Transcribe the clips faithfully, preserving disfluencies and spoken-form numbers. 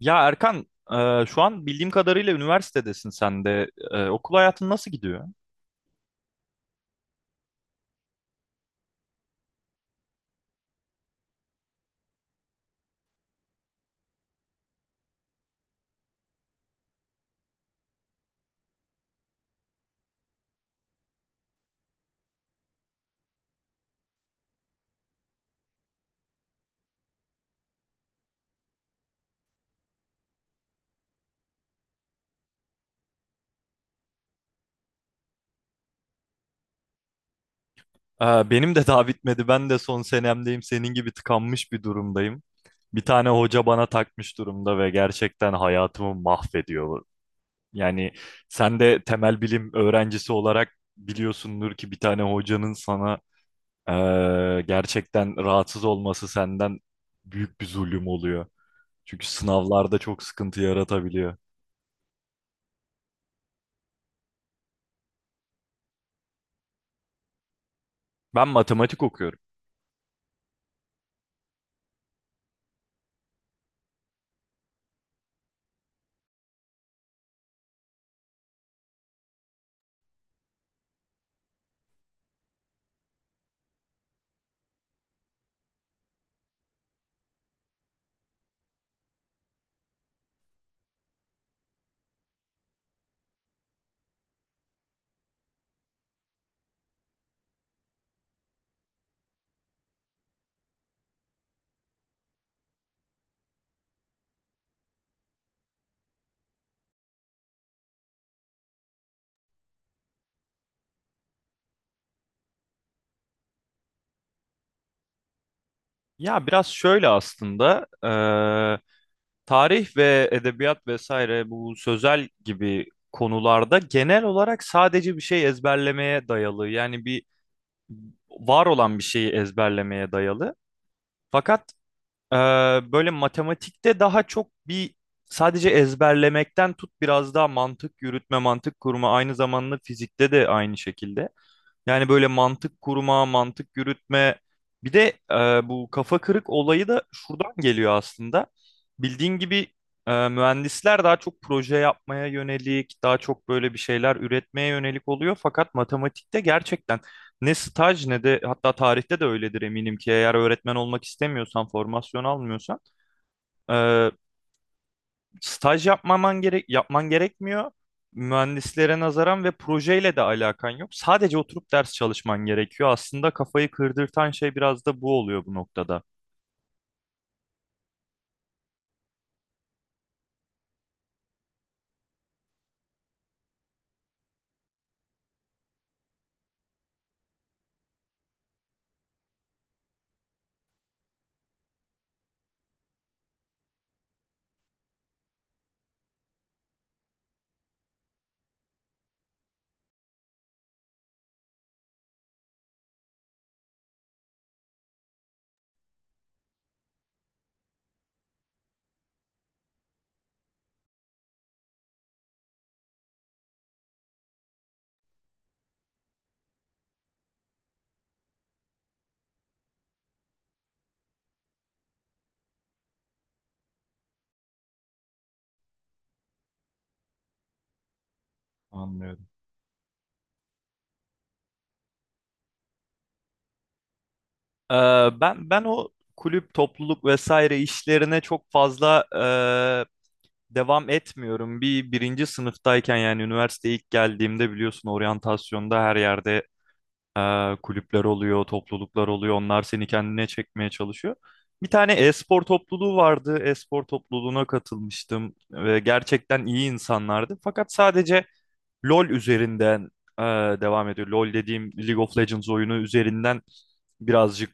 Ya Erkan, e, şu an bildiğim kadarıyla üniversitedesin sen de. E, okul hayatın nasıl gidiyor? E, benim de daha bitmedi. Ben de son senemdeyim. Senin gibi tıkanmış bir durumdayım. Bir tane hoca bana takmış durumda ve gerçekten hayatımı mahvediyor. Yani sen de temel bilim öğrencisi olarak biliyorsundur ki bir tane hocanın sana e, gerçekten rahatsız olması senden büyük bir zulüm oluyor. Çünkü sınavlarda çok sıkıntı yaratabiliyor. Ben matematik okuyorum. Ya biraz şöyle aslında eee, tarih ve edebiyat vesaire bu sözel gibi konularda genel olarak sadece bir şey ezberlemeye dayalı, yani bir var olan bir şeyi ezberlemeye dayalı. Fakat eee, böyle matematikte daha çok bir sadece ezberlemekten tut biraz daha mantık yürütme, mantık kurma, aynı zamanda fizikte de aynı şekilde. Yani böyle mantık kurma, mantık yürütme. Bir de e, bu kafa kırık olayı da şuradan geliyor aslında. Bildiğin gibi e, mühendisler daha çok proje yapmaya yönelik, daha çok böyle bir şeyler üretmeye yönelik oluyor. Fakat matematikte gerçekten ne staj ne de, hatta tarihte de öyledir eminim ki, eğer öğretmen olmak istemiyorsan, formasyon almıyorsan e, Staj yapmaman gerek yapman gerekmiyor. Mühendislere nazaran ve projeyle de alakan yok. Sadece oturup ders çalışman gerekiyor. Aslında kafayı kırdırtan şey biraz da bu oluyor bu noktada. Anlıyorum. Ee, ben ben o kulüp, topluluk vesaire işlerine çok fazla e, devam etmiyorum. Bir birinci sınıftayken, yani üniversiteye ilk geldiğimde, biliyorsun oryantasyonda her yerde Ee, kulüpler oluyor, topluluklar oluyor. Onlar seni kendine çekmeye çalışıyor. Bir tane e-spor topluluğu vardı. E-spor topluluğuna katılmıştım ve gerçekten iyi insanlardı. Fakat sadece LoL üzerinden e, devam ediyor. LoL dediğim League of Legends oyunu üzerinden birazcık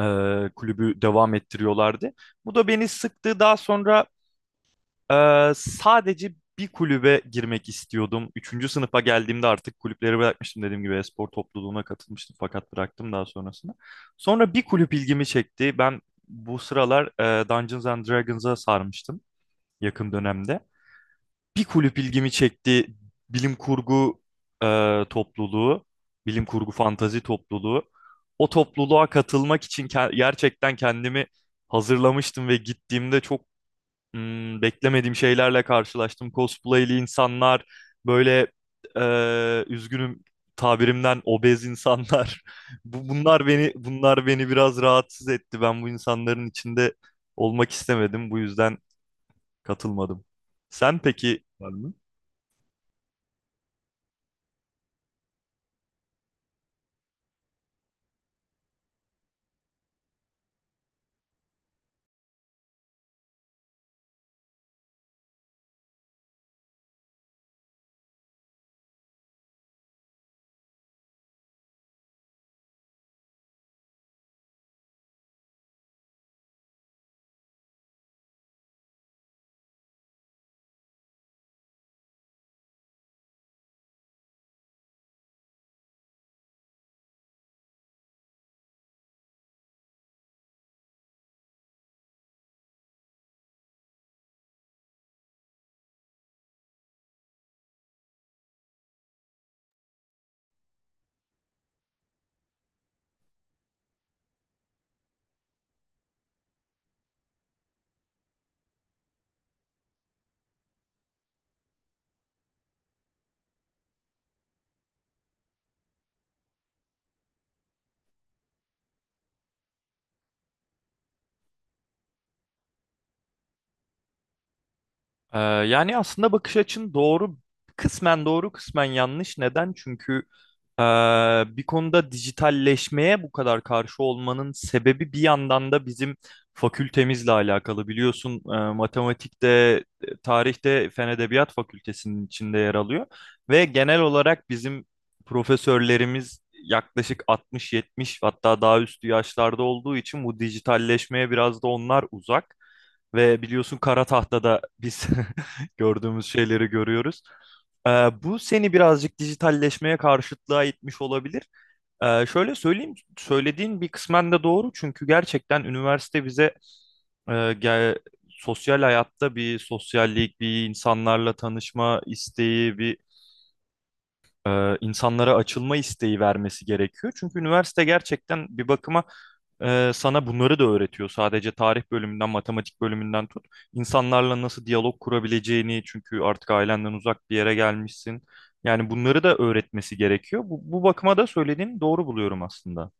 e, kulübü devam ettiriyorlardı. Bu da beni sıktı. Daha sonra ee, sadece bir kulübe girmek istiyordum. Üçüncü sınıfa geldiğimde artık kulüpleri bırakmıştım. Dediğim gibi spor topluluğuna katılmıştım fakat bıraktım daha sonrasında. Sonra bir kulüp ilgimi çekti. Ben bu sıralar e, Dungeons and Dragons'a sarmıştım yakın dönemde. Bir kulüp ilgimi çekti. Bilim kurgu e, topluluğu, bilim kurgu fantazi topluluğu. O topluluğa katılmak için ke- gerçekten kendimi hazırlamıştım ve gittiğimde çok Hmm, beklemediğim şeylerle karşılaştım. Cosplay'li insanlar, böyle eee, üzgünüm tabirimden, obez insanlar. Bu, bunlar beni bunlar beni biraz rahatsız etti. Ben bu insanların içinde olmak istemedim. Bu yüzden katılmadım. Sen peki Ee, yani aslında bakış açın doğru, kısmen doğru, kısmen yanlış. Neden? Çünkü ee, bir konuda dijitalleşmeye bu kadar karşı olmanın sebebi bir yandan da bizim fakültemizle alakalı. Biliyorsun ee, matematikte, e, tarihte Fen Edebiyat Fakültesinin içinde yer alıyor. Ve genel olarak bizim profesörlerimiz yaklaşık altmış yetmiş, hatta daha üstü yaşlarda olduğu için bu dijitalleşmeye biraz da onlar uzak. Ve biliyorsun kara tahtada biz gördüğümüz şeyleri görüyoruz. Ee, bu seni birazcık dijitalleşmeye karşıtlığa itmiş olabilir. Ee, şöyle söyleyeyim, söylediğin bir kısmen de doğru, çünkü gerçekten üniversite bize e, ge- sosyal hayatta bir sosyallik, bir insanlarla tanışma isteği, bir e, insanlara açılma isteği vermesi gerekiyor. Çünkü üniversite gerçekten bir bakıma e, sana bunları da öğretiyor. Sadece tarih bölümünden, matematik bölümünden tut. İnsanlarla nasıl diyalog kurabileceğini, çünkü artık ailenden uzak bir yere gelmişsin. Yani bunları da öğretmesi gerekiyor. Bu, bu bakıma da söylediğini doğru buluyorum aslında.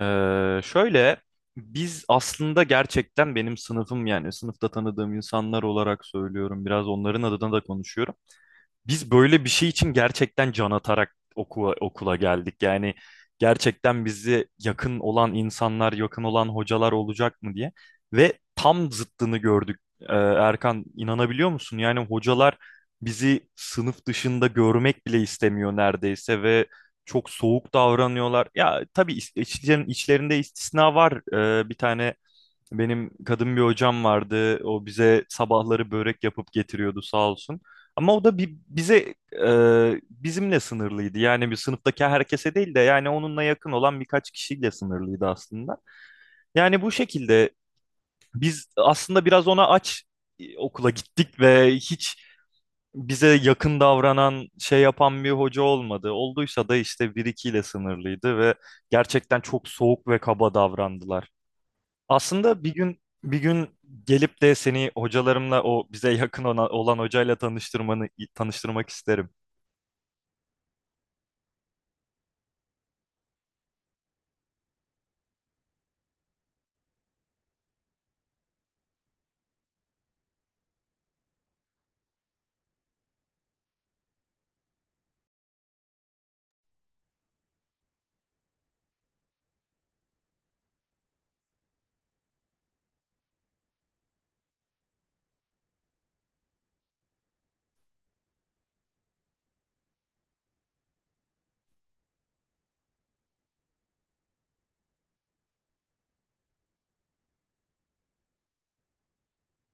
Ee, şöyle, biz aslında gerçekten, benim sınıfım yani sınıfta tanıdığım insanlar olarak söylüyorum, biraz onların adına da konuşuyorum. Biz böyle bir şey için gerçekten can atarak okula, okula geldik. Yani gerçekten bizi yakın olan insanlar, yakın olan hocalar olacak mı diye. Ve tam zıttını gördük. Ee, Erkan, inanabiliyor musun? Yani hocalar bizi sınıf dışında görmek bile istemiyor neredeyse ve çok soğuk davranıyorlar. Ya tabii iç- içlerin, içlerinde istisna var. Ee, bir tane benim kadın bir hocam vardı. O bize sabahları börek yapıp getiriyordu sağ olsun. Ama o da bi- bize e, bizimle sınırlıydı. Yani bir sınıftaki herkese değil de yani onunla yakın olan birkaç kişiyle sınırlıydı aslında. Yani bu şekilde biz aslında biraz ona aç e, okula gittik ve hiç bize yakın davranan, şey yapan bir hoca olmadı. Olduysa da işte bir ikiyle sınırlıydı ve gerçekten çok soğuk ve kaba davrandılar. Aslında bir gün bir gün gelip de seni hocalarımla, o bize yakın ona- olan hocayla tanıştırmanı tanıştırmak isterim.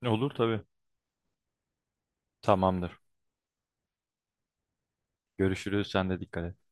Olur tabii. Tamamdır. Görüşürüz. Sen de dikkat et.